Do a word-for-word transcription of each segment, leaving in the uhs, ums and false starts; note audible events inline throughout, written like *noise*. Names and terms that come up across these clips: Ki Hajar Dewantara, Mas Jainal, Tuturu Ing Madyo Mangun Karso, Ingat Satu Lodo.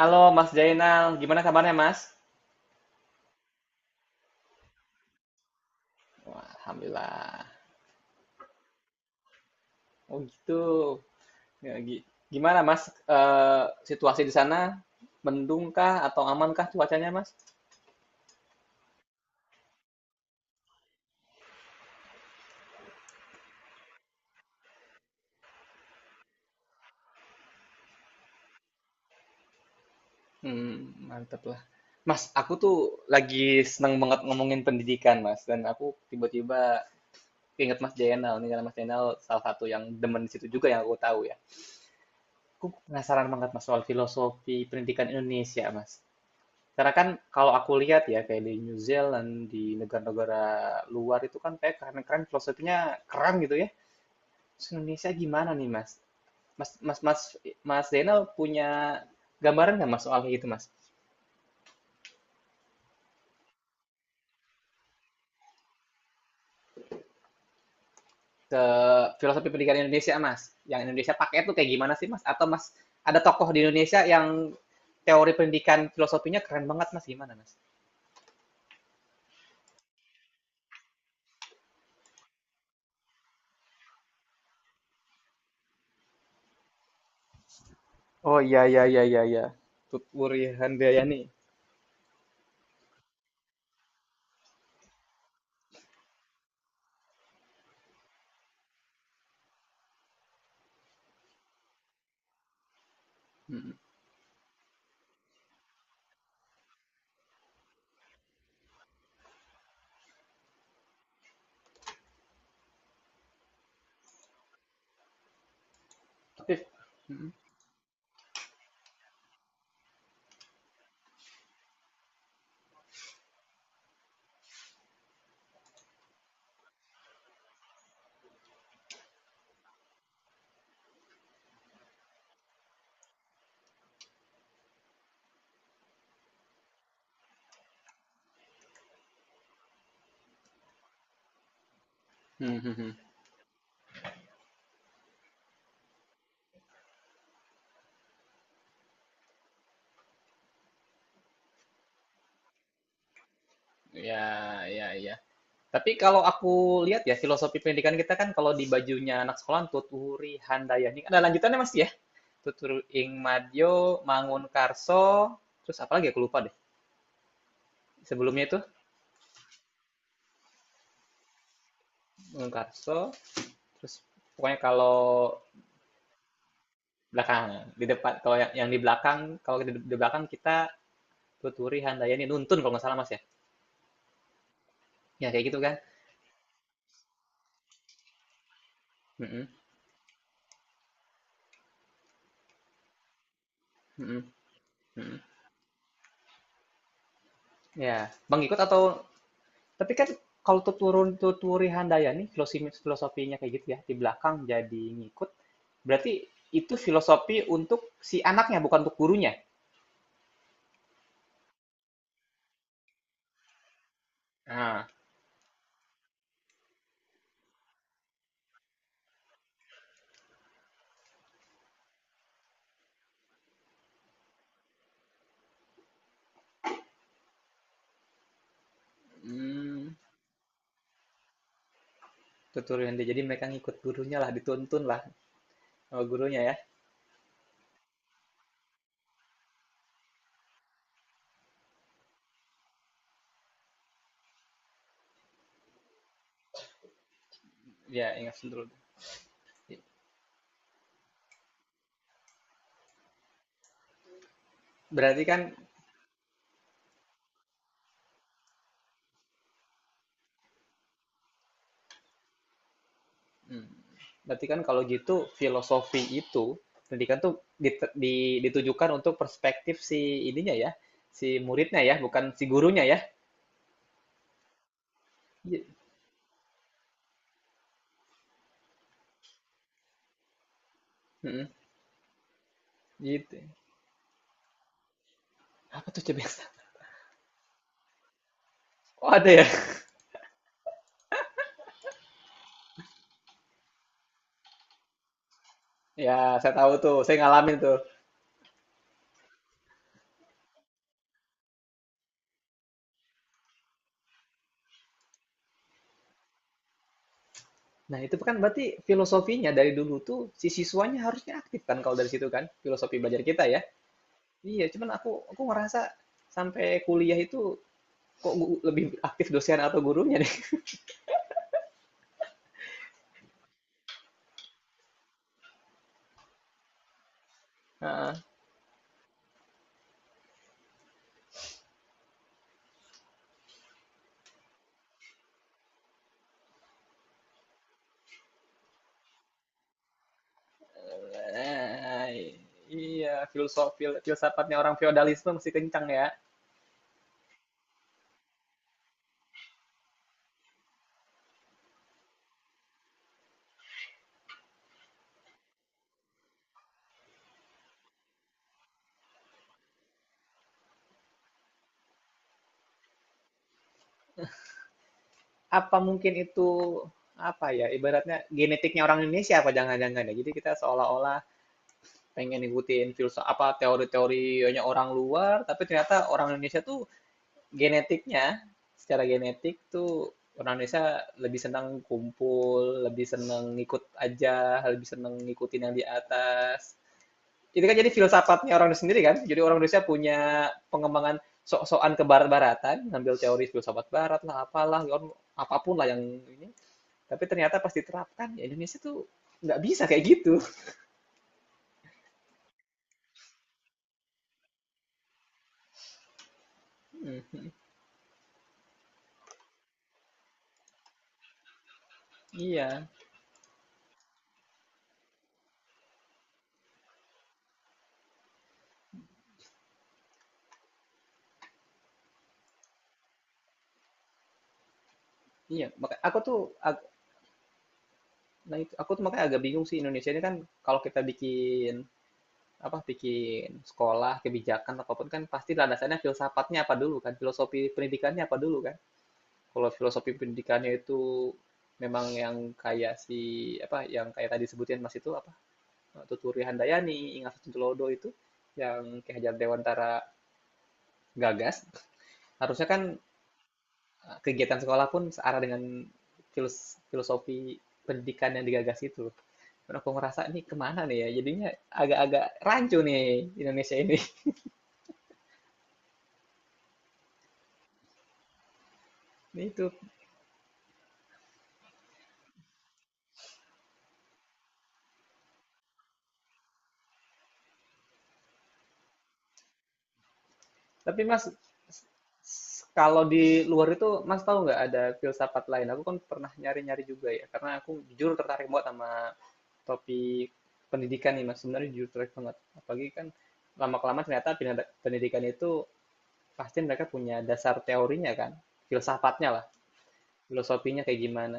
Halo Mas Jainal, gimana kabarnya Mas? Wah, Alhamdulillah. Oh gitu. Ya, gi- Gimana Mas eh, situasi di sana? Mendung kah atau aman kah cuacanya Mas? Hmm, mantep lah. Mas, aku tuh lagi seneng banget ngomongin pendidikan Mas. Dan aku tiba-tiba inget Mas Jainal. Nih karena Mas Jainal salah satu yang demen di situ juga yang aku tahu ya. Aku penasaran banget Mas soal filosofi pendidikan Indonesia Mas. Karena kan kalau aku lihat ya kayak di New Zealand, di negara-negara luar itu kan kayak keren-keren filosofinya keren gitu ya. Terus Indonesia gimana nih Mas? Mas Mas Mas Mas Zainal punya gambaran nggak Mas soal kayak gitu Mas? Ke filosofi pendidikan Indonesia Mas, yang Indonesia pakai itu kayak gimana sih Mas? Atau Mas ada tokoh di Indonesia yang teori pendidikan filosofinya keren banget Mas gimana Mas? Oh iya iya iya iya iya. Tut Wuri Handayani. Hmm. Tapi- Hmm. Hmm, hmm, hmm. Ya, ya, ya. Tapi kalau aku lihat ya filosofi pendidikan kita kan kalau di bajunya anak sekolah Tuturi Handayani ada lanjutannya mas ya Tuturu Ing Madyo Mangun Karso terus apa lagi aku lupa deh sebelumnya itu Mangun Karso terus pokoknya kalau belakang di depan kalau yang, yang di belakang kalau di, di belakang kita Tuturi Handayani nuntun kalau nggak salah mas ya ya kayak gitu kan. Mm-mm, mm-mm, mm-mm. Ya Bang ikut atau tapi kan kalau Tuturun Tuturi Handayani filosofi- filosofinya kayak gitu ya, di belakang jadi ngikut, berarti itu filosofi untuk si anaknya, bukan untuk gurunya. Nah, hmm, Tuturi Handayani. Jadi mereka ngikut gurunya lah, dituntun lah sama gurunya ya. Ya, ingat dulu. Berarti kan, hmm, berarti kan kalau gitu filosofi itu, pendidikan tuh ditujukan untuk perspektif si ininya ya, si muridnya ya, bukan si gurunya ya. Iya. hmm, Gitu. Apa tuh coba yang oh ada ya? *laughs* Ya saya tahu tuh, saya ngalamin tuh. Nah itu kan berarti filosofinya dari dulu tuh si siswanya harusnya aktif kan kalau dari situ kan filosofi belajar kita ya. Iya, cuman aku aku ngerasa sampai kuliah itu kok gu- lebih aktif dosen atau gurunya nih. *laughs* Heeh. Eh, Iya, filosofi filsafatnya orang feodalisme masih kencang ya. Apa mungkin itu apa ya ibaratnya genetiknya orang Indonesia apa jangan-jangan ya. Jadi kita seolah-olah pengen ngikutin filsafat apa, teori-teorinya orang luar, tapi ternyata orang Indonesia tuh genetiknya, secara genetik tuh orang Indonesia lebih senang kumpul, lebih senang ngikut aja, lebih senang ngikutin yang di atas. Itu kan jadi filsafatnya orang Indonesia sendiri kan. Jadi orang Indonesia punya pengembangan sok-sokan ke barat-baratan, ngambil teori filsafat barat lah, apalah, yon- apapun lah yang ini. Tapi ternyata pas diterapkan, ya Indonesia tuh nggak bisa kayak gitu. *laughs* Iya. Iya, maka aku tuh ag nah itu aku tuh makanya agak bingung sih Indonesia ini kan kalau kita bikin apa bikin sekolah, kebijakan apapun kan pasti landasannya filsafatnya apa dulu kan, filosofi pendidikannya apa dulu kan. Kalau filosofi pendidikannya itu memang yang kayak si apa yang kayak tadi sebutin Mas itu apa Tuturi Handayani, Ingat Satu Lodo itu yang Ki Hajar Dewantara gagas, harusnya kan kegiatan sekolah pun searah dengan filos- filosofi pendidikan yang digagas itu. Dan aku ngerasa nih kemana nih ya? Jadinya agak-agak rancu nih Indonesia ini. *laughs* itu. Tapi Mas, kalau di luar itu Mas tahu nggak ada filsafat lain? Aku kan pernah nyari-nyari juga ya, karena aku jujur tertarik banget sama topik pendidikan nih Mas. Sebenarnya jujur tertarik banget. Apalagi kan lama-kelamaan ternyata pendidikan itu pasti mereka punya dasar teorinya kan, filsafatnya filosofinya kayak gimana?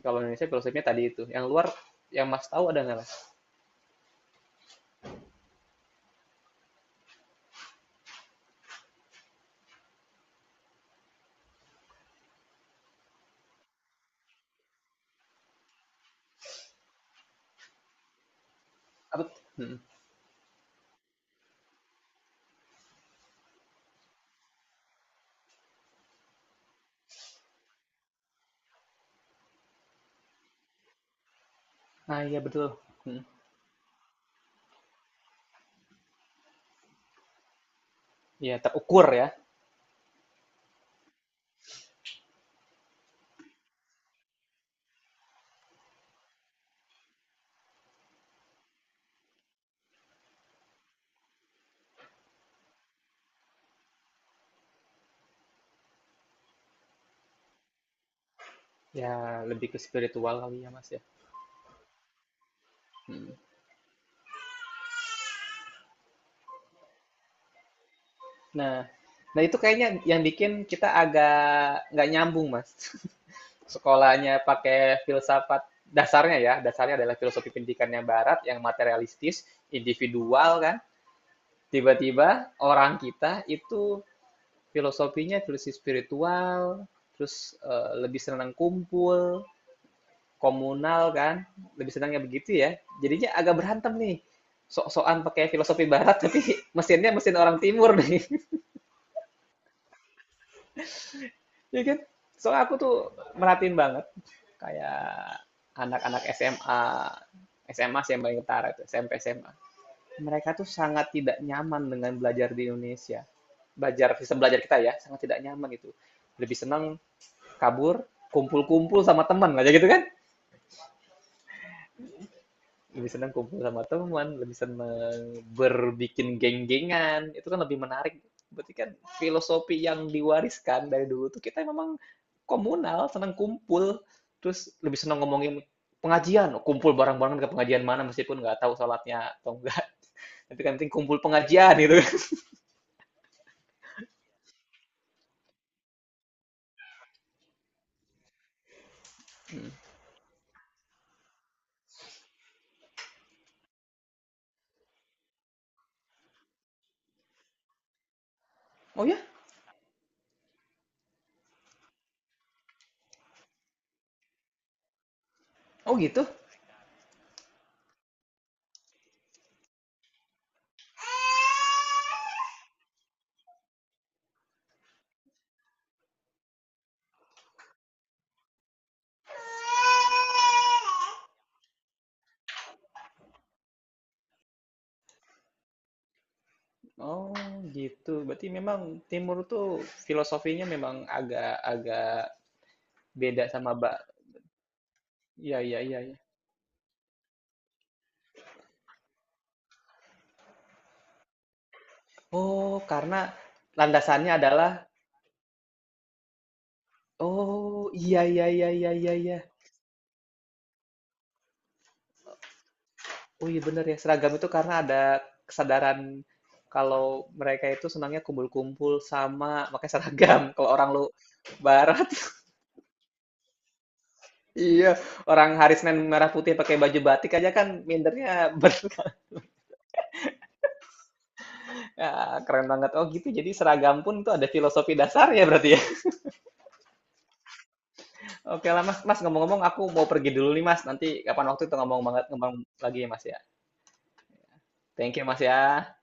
Kalau Indonesia filosofinya tadi itu. Yang luar, yang Mas tahu ada nggak, Mas? Apa? Hmm. Nah, iya betul. Hmm. Ya, terukur ya. Ya, lebih ke spiritual kali ya, Mas ya. Hmm. Nah, nah itu kayaknya yang bikin kita agak nggak nyambung, Mas. *laughs* Sekolahnya pakai filsafat dasarnya ya, dasarnya adalah filosofi pendidikannya barat yang materialistis, individual kan. Tiba-tiba orang kita itu filosofinya filosofi spiritual, terus, eee, lebih senang kumpul, komunal kan, lebih senangnya begitu ya. Jadinya agak berantem nih, sok-sokan pakai filosofi barat *laughs* tapi mesinnya mesin orang timur nih, *laughs* ya kan? Soalnya aku tuh merhatiin banget kayak anak-anak S M A, S M A sih yang paling ketara tuh, S M P, S M A. Mereka tuh sangat tidak nyaman dengan belajar di Indonesia, belajar sistem belajar kita ya, sangat tidak nyaman gitu. Lebih senang kabur kumpul-kumpul sama teman aja gitu kan lebih seneng kumpul sama teman lebih seneng berbikin geng-gengan itu kan lebih menarik berarti kan filosofi yang diwariskan dari dulu tuh kita memang komunal seneng kumpul terus lebih seneng ngomongin pengajian. Oh, kumpul bareng-bareng ke pengajian mana meskipun nggak tahu sholatnya atau enggak *laughs* tapi kan penting kumpul pengajian gitu kan oh ya oh gitu oh gitu berarti memang timur tuh filosofinya memang agak agak beda sama. Iya iya iya iya. Oh, karena landasannya adalah oh iya iya iya iya iya iya. Oh iya bener ya seragam itu karena ada kesadaran kalau mereka itu senangnya kumpul-kumpul sama pakai seragam. *laughs* Kalau orang lu barat, *laughs* iya orang hari Senin merah putih pakai baju batik aja kan mindernya ber- *laughs* Ya, keren banget. Oh gitu. Jadi seragam pun itu ada filosofi dasarnya berarti ya. *laughs* Oke lah Mas. Mas ngomong-ngomong aku mau pergi dulu nih Mas. Nanti kapan waktu itu ngomong banget ngomong lagi ya Mas ya. Thank you Mas ya.